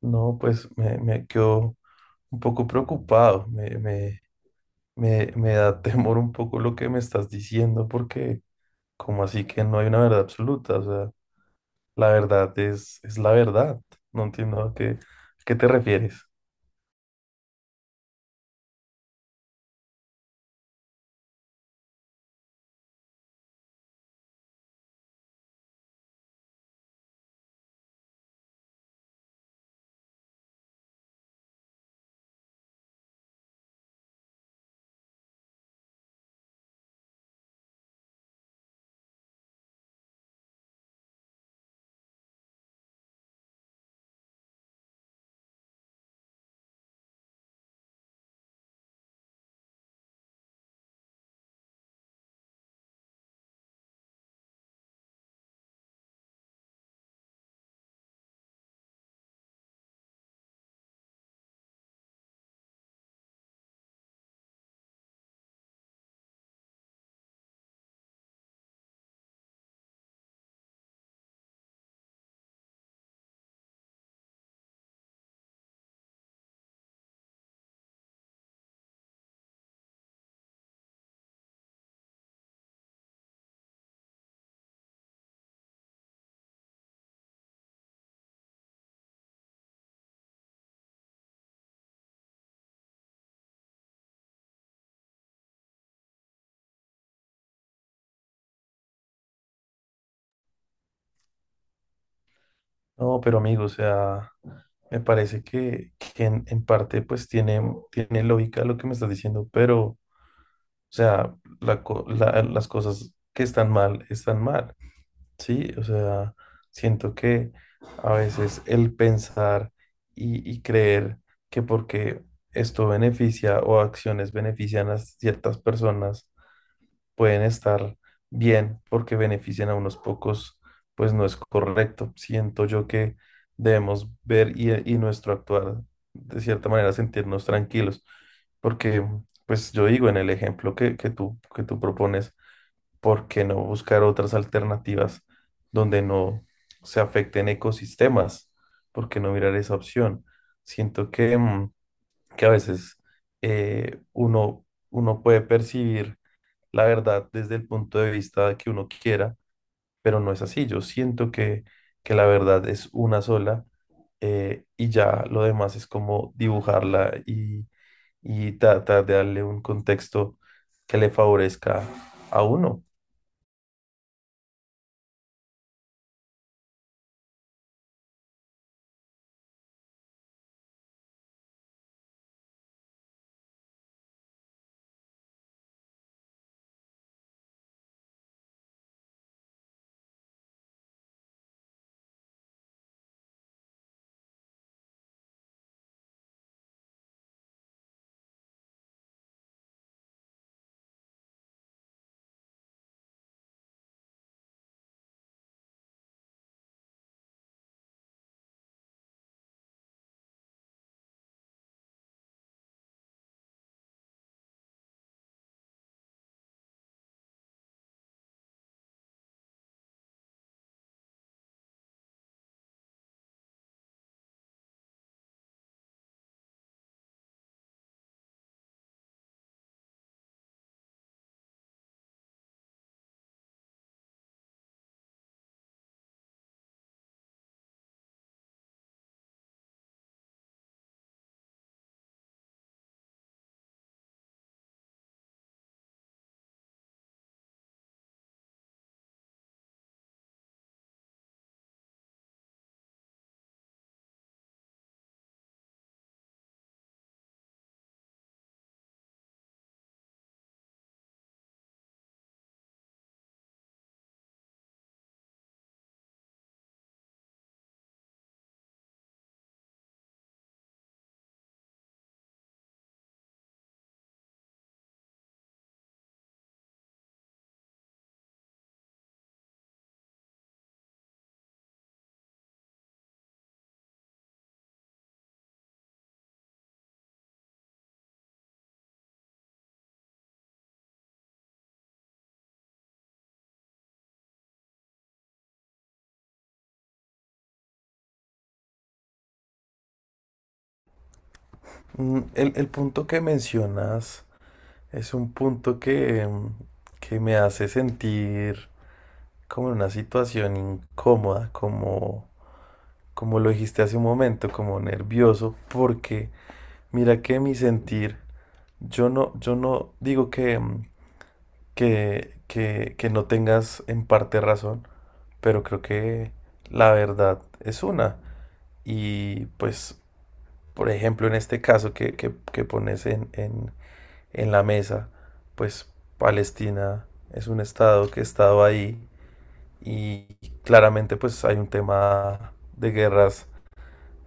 No, pues me quedo un poco preocupado, me da temor un poco lo que me estás diciendo, porque como así que no hay una verdad absoluta, o sea, la verdad es la verdad, no entiendo a qué te refieres. No, pero amigo, o sea, me parece que en parte pues tiene lógica lo que me estás diciendo, pero, o sea, las cosas que están mal, están mal. Sí, o sea, siento que a veces el pensar y creer que porque esto beneficia o acciones benefician a ciertas personas pueden estar bien porque benefician a unos pocos, pues no es correcto. Siento yo que debemos ver y nuestro actuar, de cierta manera, sentirnos tranquilos, porque, pues yo digo en el ejemplo que, que tú propones. ¿Por qué no buscar otras alternativas donde no se afecten ecosistemas? ¿Por qué no mirar esa opción? Siento que a veces uno puede percibir la verdad desde el punto de vista que uno quiera, pero no es así. Yo siento que la verdad es una sola y ya lo demás es como dibujarla y tratar de darle un contexto que le favorezca a uno. El punto que mencionas es un punto que me hace sentir como en una situación incómoda, como, como lo dijiste hace un momento, como nervioso, porque mira que mi sentir, yo no digo que, que no tengas en parte razón, pero creo que la verdad es una. Y pues, por ejemplo, en este caso que pones en la mesa, pues Palestina es un estado que ha estado ahí y claramente pues hay un tema de guerras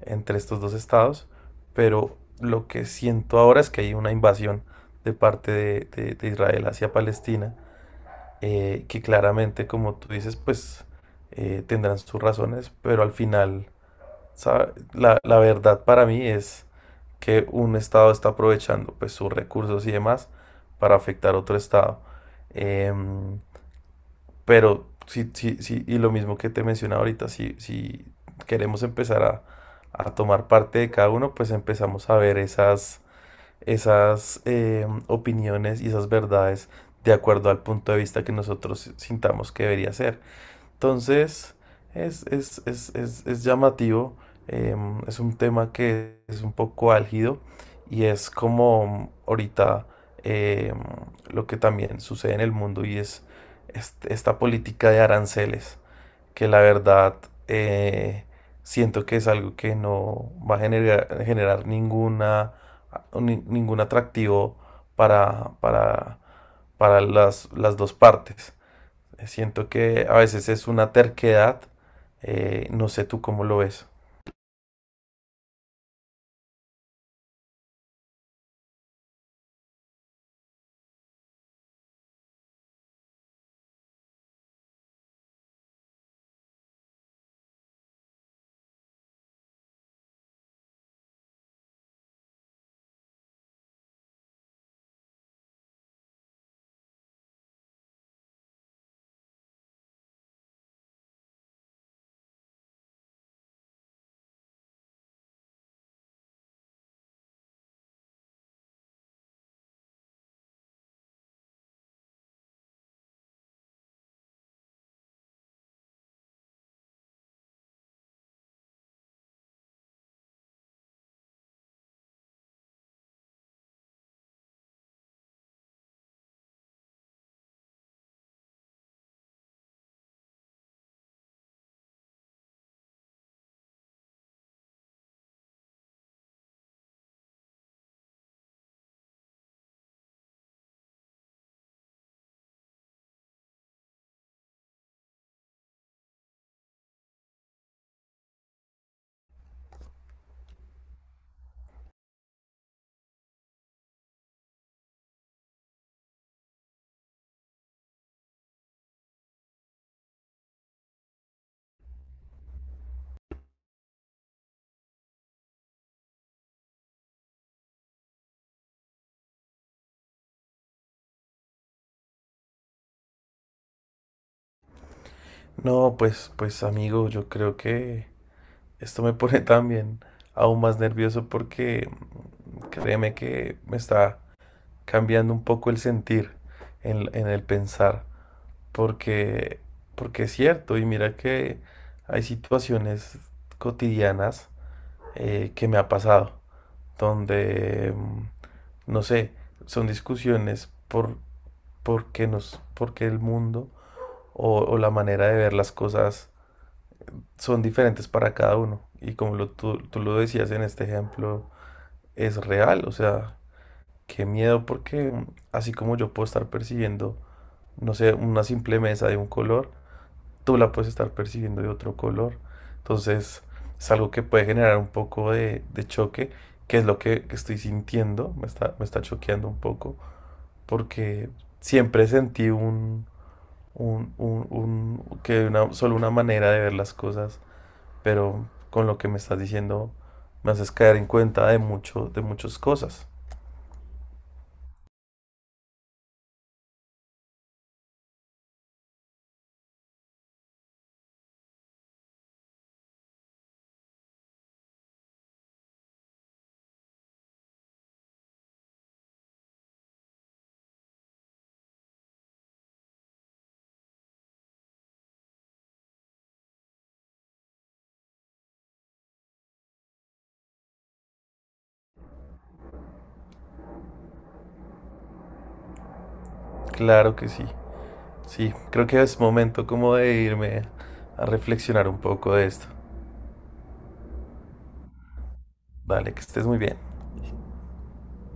entre estos dos estados, pero lo que siento ahora es que hay una invasión de parte de Israel hacia Palestina, que claramente, como tú dices, pues tendrán sus razones, pero al final, ¿sabe? La verdad para mí es que un estado está aprovechando pues sus recursos y demás para afectar a otro estado. Em, pero sí, sí, sí, y lo mismo que te mencionaba ahorita, si queremos empezar a tomar parte de cada uno, pues empezamos a ver esas opiniones y esas verdades de acuerdo al punto de vista que nosotros sintamos que debería ser. Entonces, es llamativo, es un tema que es un poco álgido y es como ahorita em, lo que también sucede en el mundo y es esta política de aranceles, que la verdad eh, siento que es algo que no va a generar ninguna, ningún atractivo para, para, para las dos partes. Siento que a veces es una terquedad no sé tú cómo lo ves. No, pues, pues amigo, yo creo que esto me pone también aún más nervioso porque créeme que me está cambiando un poco el sentir en el pensar, porque, porque es cierto, y mira que hay situaciones cotidianas que me ha pasado, donde, mm, no sé, son discusiones porque el mundo o la manera de ver las cosas son diferentes para cada uno. Y como lo, tú lo decías en este ejemplo, es real, o sea, qué miedo porque así como yo puedo estar percibiendo, no sé, una simple mesa de un color, tú la puedes estar percibiendo de otro color. Entonces, es algo que puede generar un poco de choque, que es lo que estoy sintiendo, me está choqueando un poco, porque siempre sentí que solo una manera de ver las cosas, pero con lo que me estás diciendo me haces caer en cuenta de muchas cosas. Claro que sí. Sí, creo que es momento como de irme a reflexionar un poco de esto. Vale, que estés muy bien.